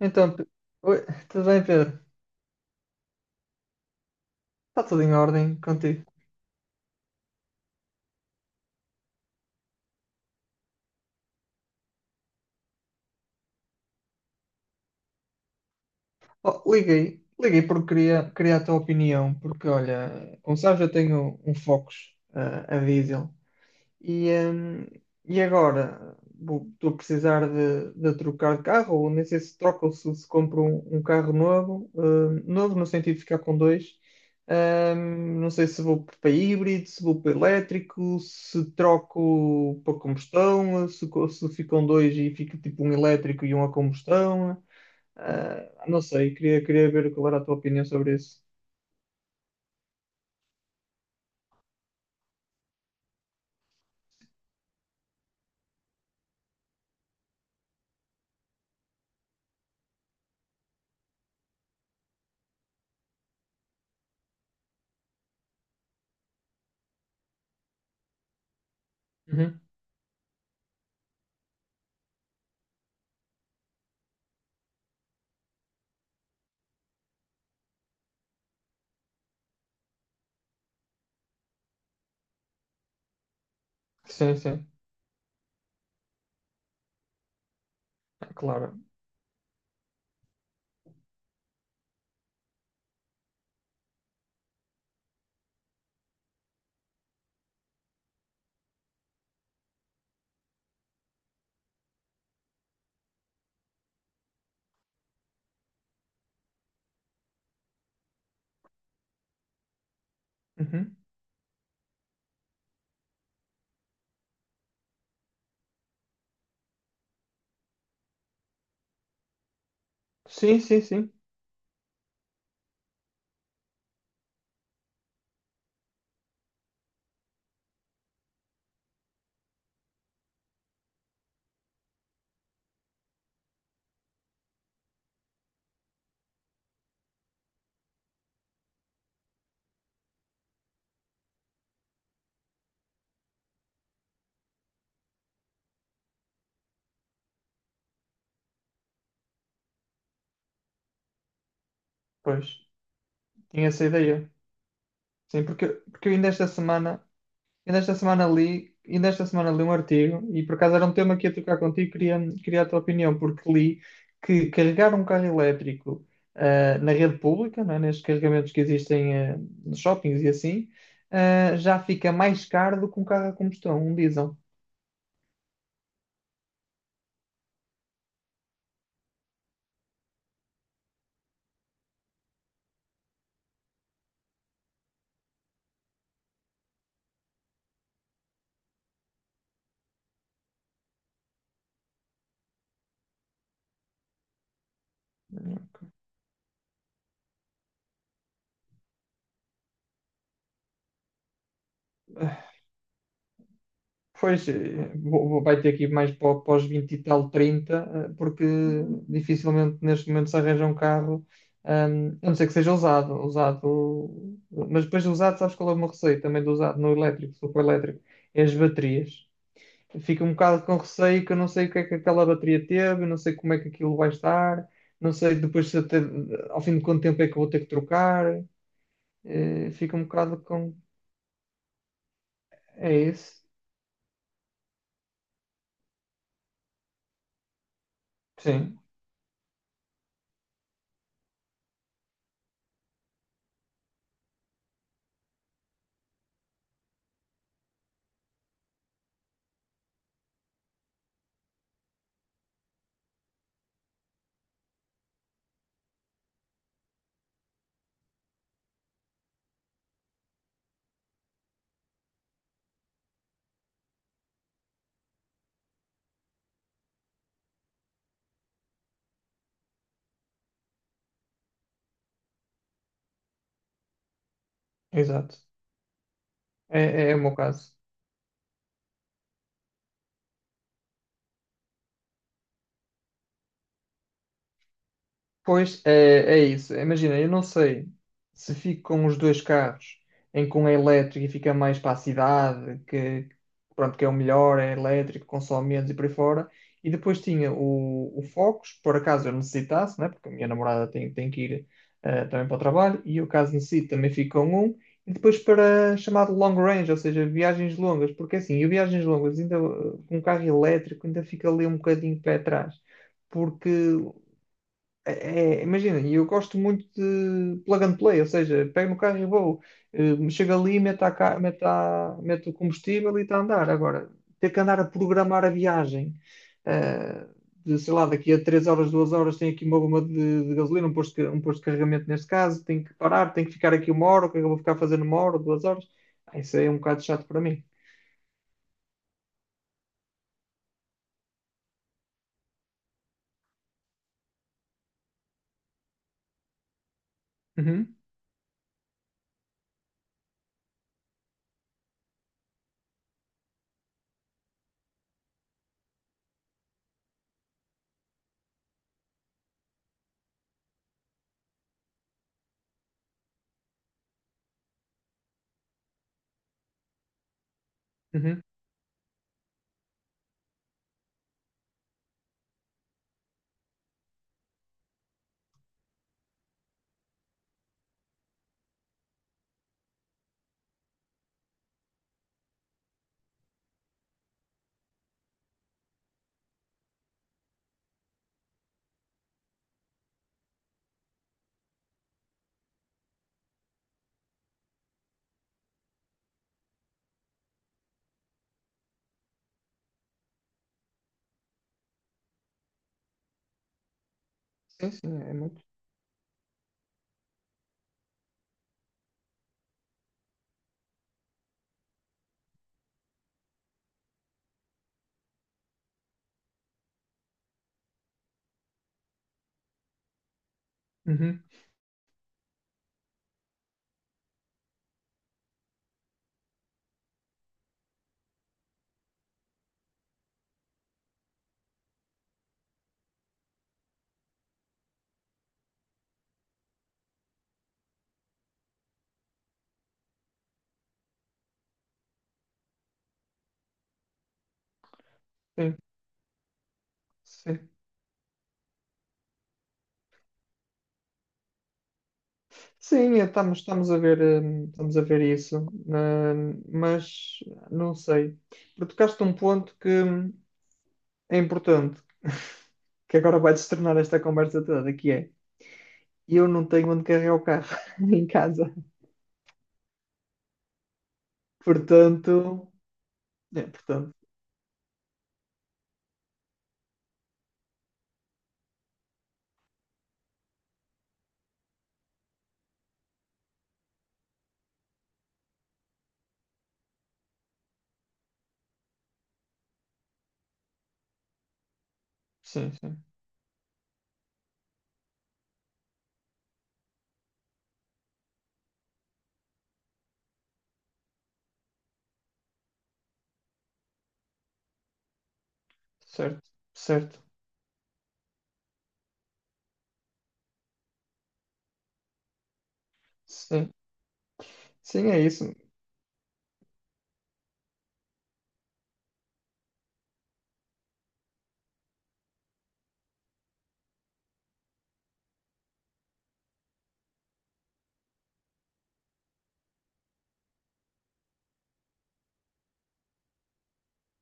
Então, Pe- oi, tudo bem, Pedro? Está tudo em ordem contigo? Oh, liguei, porque queria a tua opinião, porque olha, como sabes, eu tenho um Focus, a diesel. E, hum, e agora estou a precisar de trocar de carro, ou nem sei se troco ou se compro um carro novo, novo no sentido de ficar com dois. Não sei se vou para híbrido, se vou para elétrico, se troco para combustão, se fico com dois e fica tipo um elétrico e um a combustão. Ah, não sei, queria ver qual era a tua opinião sobre isso. Uhum. Sim, sim. É claro. Uhum. Sim, sim, sim. Pois, tinha essa ideia. Sim, porque eu ainda esta semana li, ainda esta semana li um artigo e por acaso era um tema que ia tocar contigo, queria a tua opinião, porque li que carregar um carro elétrico na rede pública, não é? Nestes carregamentos que existem nos shoppings e assim, já fica mais caro do que um carro a combustão, um diesel. Pois, vai ter que ir mais para, para os 20 e tal, 30 porque dificilmente neste momento se arranja um carro, a não ser que seja usado, usado, mas depois de usado, sabes qual é o meu receio também do usado no elétrico, se for elétrico, é as baterias. Fico um bocado com receio que eu não sei o que é que aquela bateria teve, não sei como é que aquilo vai estar, não sei depois se até, ao fim de quanto tempo é que eu vou ter que trocar, fico um bocado com... É isso? Sim, exato. É o meu caso. Pois é, é isso. Imagina, eu não sei se fico com os dois carros, em que um é elétrico e fica mais para a cidade, que pronto, que é o melhor, é elétrico, consome menos e por aí fora. E depois tinha o Focus, por acaso eu necessitasse, né? Porque a minha namorada tem, tem que ir também para o trabalho, e eu caso necessite também fico com um. E depois para chamado long range, ou seja, viagens longas, porque assim, e viagens longas, ainda com um carro elétrico ainda fica ali um bocadinho pé atrás porque imagina, e eu gosto muito de plug and play, ou seja, pego no carro e vou, chego ali, meto, a, ca- meto, a- meto o combustível e está a andar. Agora, ter que andar a programar a viagem, eh, de, sei lá, daqui a 3 horas, 2 horas, tenho aqui uma bomba de gasolina, um posto, um posto de carregamento neste caso, tenho que parar, tenho que ficar aqui uma hora, o que é que eu vou ficar fazendo uma hora, duas horas? Ah, isso aí é um bocado chato para mim. Uhum, uhum. Sim, sim, é muito. Uhum, sim, sim. Sim, estamos a ver isso, mas não sei. Porque tocaste um ponto que é importante, que agora vai destornar esta conversa toda, que é eu não tenho onde carregar o carro em casa. Portanto, é, portanto, sim, sim, certo, certo, sim, sim, é isso,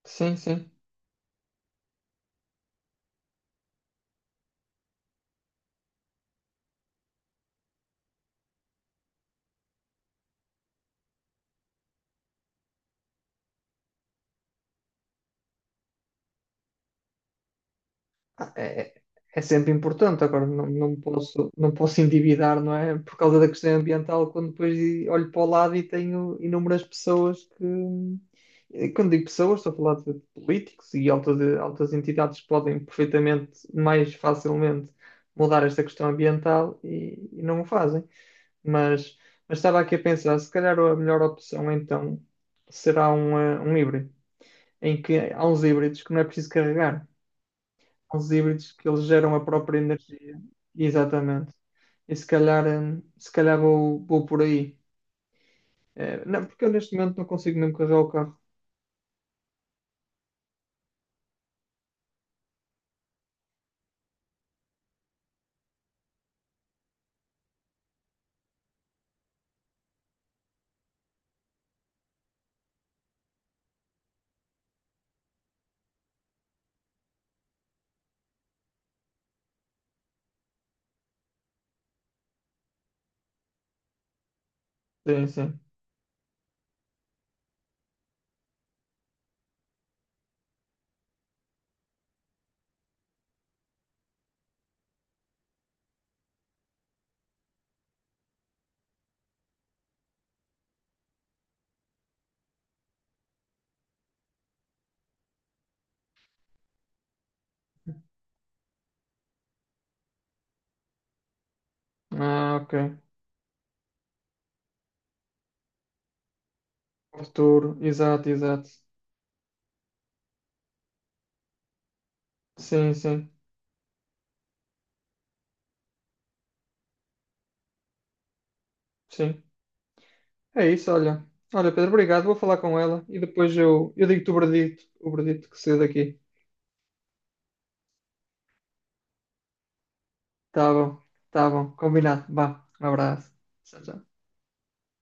sim, sim. Ah, é, é sempre importante. Agora, não, não posso, não posso endividar, não é? Por causa da questão ambiental, quando depois olho para o lado e tenho inúmeras pessoas que. E quando digo pessoas, estou a falar de políticos e altas, altas entidades que podem perfeitamente, mais facilmente, mudar esta questão ambiental e não o fazem. Mas, mas estava aqui a pensar, se calhar a melhor opção então será um híbrido, em que há uns híbridos que não é preciso carregar aos híbridos que eles geram a própria energia. Exatamente. E se calhar, se calhar vou por aí. É, não, porque eu neste momento não consigo mesmo carregar o carro. Sim, sim. Ah, ok. Futuro. Exato, exato. Sim, sim, sim. É isso, olha. Olha, Pedro, obrigado. Vou falar com ela e depois eu digo-te o verdito que saiu daqui. Tá bom, tá bom. Combinado. Vá, um abraço. Tchau, tchau.